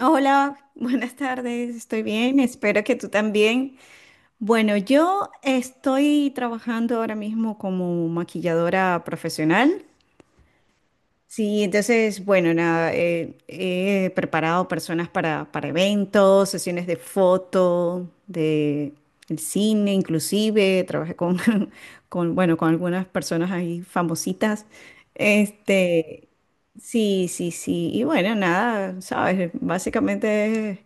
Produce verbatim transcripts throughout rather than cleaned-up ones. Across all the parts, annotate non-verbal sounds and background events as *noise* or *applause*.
Hola, *laughs* buenas tardes, estoy bien, espero que tú también. Bueno, yo estoy trabajando ahora mismo como maquilladora profesional. Sí, entonces, bueno, nada, eh, he preparado personas para, para eventos, sesiones de foto, de el cine, inclusive, trabajé con, *laughs* con, bueno, con algunas personas ahí famositas. Este, sí, sí, sí, y bueno, nada, sabes, básicamente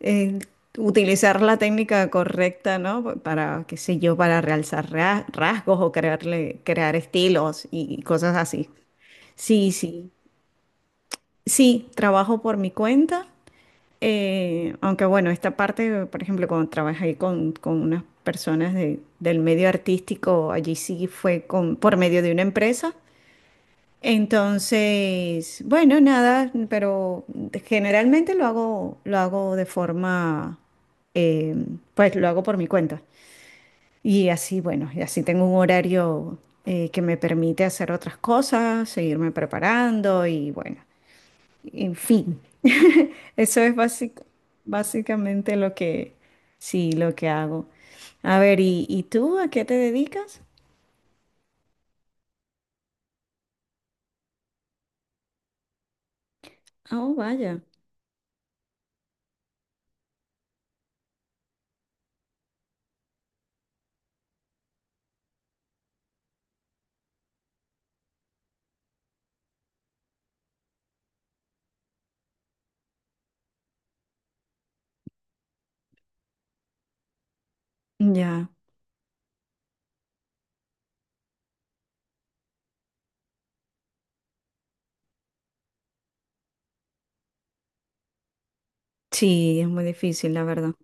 eh, utilizar la técnica correcta, ¿no? Pa- Para, qué sé yo, para realzar ra- rasgos o crearle, crear estilos y cosas así. Sí, sí. Sí, trabajo por mi cuenta. Eh, aunque bueno, esta parte, por ejemplo, cuando trabajé con, con unas personas de- del medio artístico, allí sí fue con, por medio de una empresa. Entonces, bueno, nada, pero generalmente lo hago, lo hago de forma, eh, pues lo hago por mi cuenta. Y así, bueno, y así tengo un horario eh, que me permite hacer otras cosas, seguirme preparando y bueno, en fin, eso es básic- básicamente lo que, sí, lo que hago. A ver, ¿y, y tú a qué te dedicas? Oh, vaya. Ya, sí, es muy difícil, la verdad.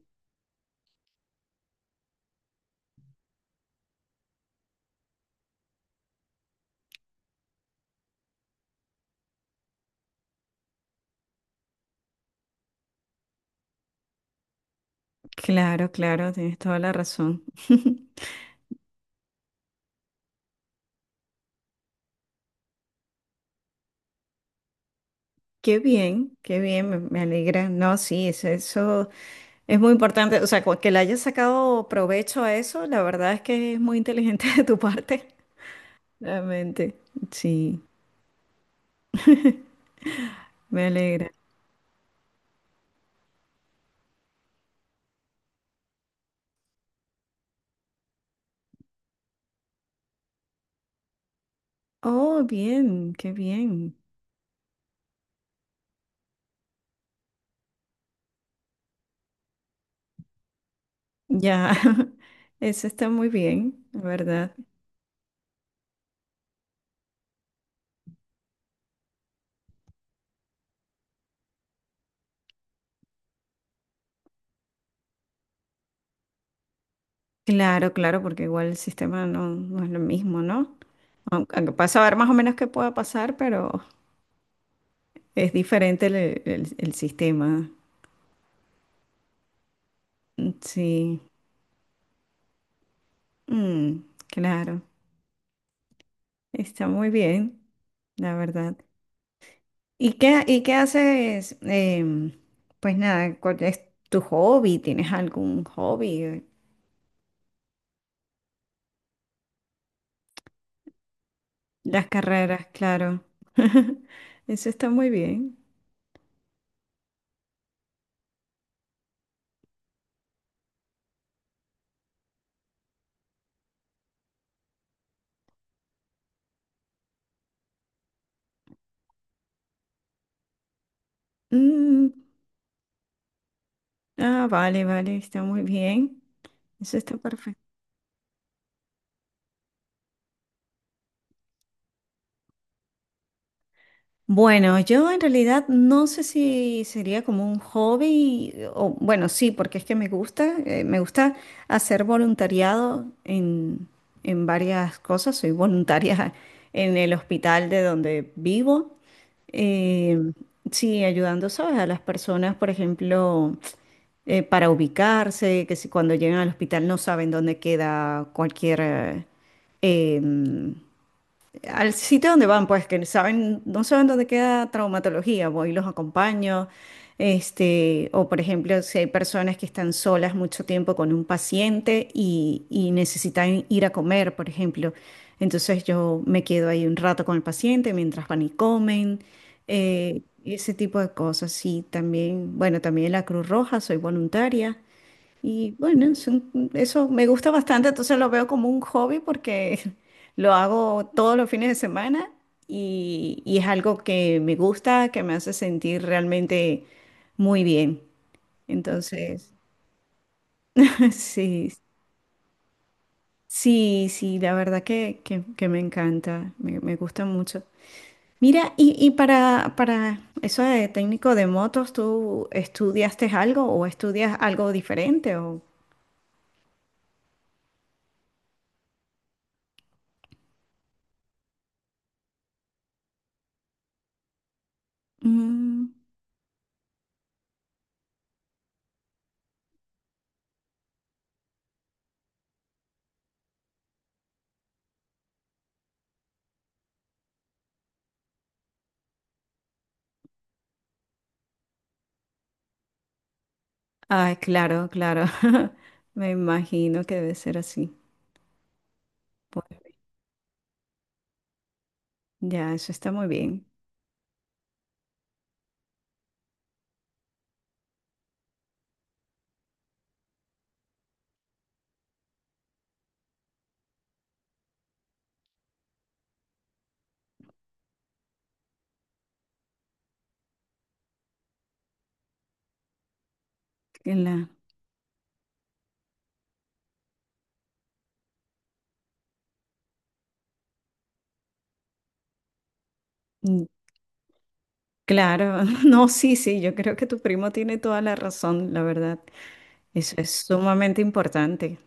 Claro, claro, tienes toda la razón. *laughs* Qué bien, qué bien, me, me alegra. No, sí, es- eso, es muy importante. O sea, cu- que le hayas sacado provecho a eso, la verdad es que es muy inteligente *laughs* de tu parte. Realmente, sí, me alegra. Oh, bien, qué bien. Ya, *laughs* eso está muy bien, la verdad. Claro, claro, porque igual el sistema no, no es lo mismo, ¿no? Aunque, aunque puedas saber más o menos qué pueda pasar, pero es diferente el el- el sistema. Mm, sí, mm, claro, está muy bien, la verdad. ¿Y qué, y qué haces? Em, pues nada, ¿cuál es tu hobby? ¿Tienes algún hobby? Las carreras, claro. *laughs* Eso está muy bien. Mm, ah, vale, vale, está muy bien. Eso está perfecto. Bueno, yo en realidad no sé si sería como un hobby, eh, o bueno, sí, porque es que me gusta, eh, me gusta hacer voluntariado en, en varias cosas. Soy voluntaria *laughs* en el hospital de donde vivo. eh, sí, ayudando, ¿sabes? A las personas, por ejemplo, eh, para ubicarse, que si cuando llegan al hospital no saben dónde queda cualquier... eh, em, al sitio donde van, pues que saben, no saben dónde queda traumatología, voy y los acompaño. Este, o por ejemplo, si hay personas que están solas mucho tiempo con un paciente y, y necesitan ir a comer, por ejemplo, entonces yo me quedo ahí un rato con el paciente mientras van y comen, eh, ese tipo de cosas. Sí también, bueno, también la Cruz Roja, soy voluntaria. Y bueno, es un- eso me gusta bastante, entonces lo veo como un hobby porque *laughs* lo hago todos los fines de semana y, y es algo que me gusta, que me hace sentir realmente muy bien. Entonces, *laughs* sí, sí, sí, la verdad que, que- que me encanta, me, me gusta mucho. Mira, y, y para, para eso de técnico de motos, ¿tú estudiaste algo o estudias algo diferente? O... Ay, claro, claro. *laughs* Me imagino que debe ser así. Pues, ya, eso está muy bien. En la- Mm, claro, *laughs* no, sí, sí, yo creo que tu primo tiene toda la razón, la verdad. Eso es sumamente importante.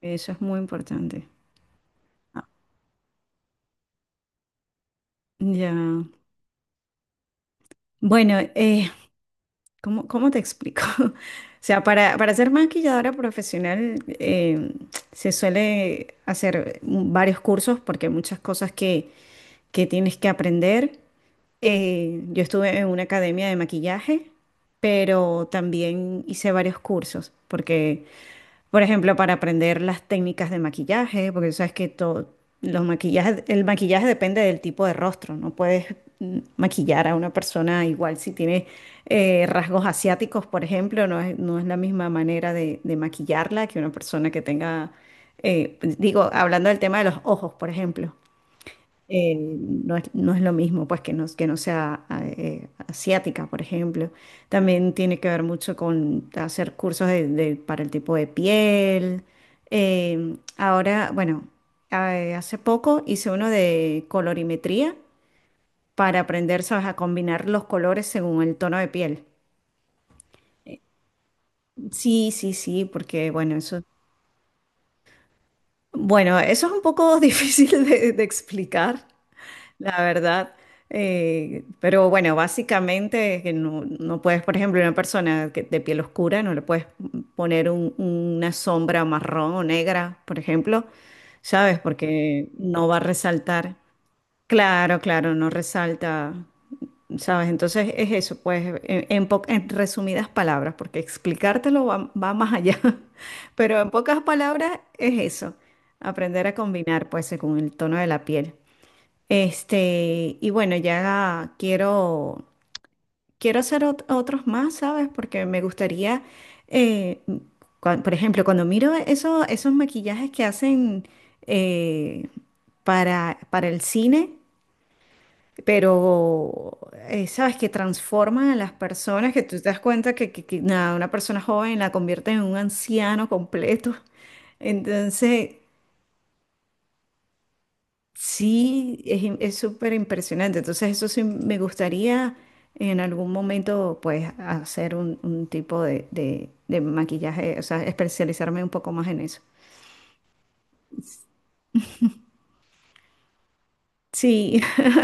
Eso es muy importante. Ya. Bueno, eh, ¿cómo, cómo te explico? *laughs* O sea, para, para ser maquilladora profesional, eh, se suele hacer varios cursos porque hay muchas cosas que, que tienes que aprender. Eh, yo estuve en una academia de maquillaje, pero también hice varios cursos, porque, por ejemplo, para aprender las técnicas de maquillaje, porque tú sabes que todo, los maquillajes, el maquillaje depende del tipo de rostro, no puedes mm, maquillar a una persona igual si tiene eh, rasgos asiáticos, por ejemplo, no es, no es la misma manera de, de maquillarla que una persona que tenga, eh, digo, hablando del tema de los ojos, por ejemplo, eh, no es, no es lo mismo, pues, que no, que no sea eh, asiática, por ejemplo. También tiene que ver mucho con hacer cursos de- de- para el tipo de piel. Eh, ahora, bueno, eh, hace poco hice uno de colorimetría para aprender, ¿sabes?, a combinar los colores según el tono de piel. Sí, sí, sí, porque, bueno, eso... Bueno, eso es un poco *laughs* difícil de, de explicar. La verdad, eh, pero bueno, básicamente que no, no puedes, por ejemplo, una persona que, de piel oscura, no le puedes poner un- una sombra marrón o negra, por ejemplo, ¿sabes? Porque no va a resaltar. Claro, claro, no resalta, ¿sabes? Entonces es eso, pues, en, en po- en resumidas palabras, porque explicártelo va, va más allá, *laughs* pero en pocas palabras es eso, aprender a combinar, pues, según el tono de la piel. Este, y bueno, ya quiero, quiero hacer ot- otros más, ¿sabes? Porque me gustaría, eh, cua- por ejemplo, cuando miro eso- esos maquillajes que hacen, eh, para, para el cine, pero, eh, ¿sabes? Que transforman a las personas, que tú te das cuenta que, que que, nada, una persona joven la convierte en un anciano completo. Entonces, sí, es, im- es súper impresionante. Entonces, eso sí me gustaría en algún momento, pues, hacer un, un tipo de, de- de maquillaje, o sea, especializarme un poco más en eso. Sí, *laughs*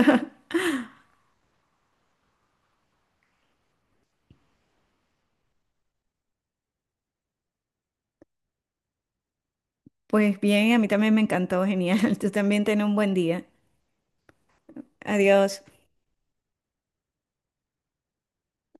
pues bien, a mí también me encantó, genial. *laughs* Tú también ten un buen día. Adiós.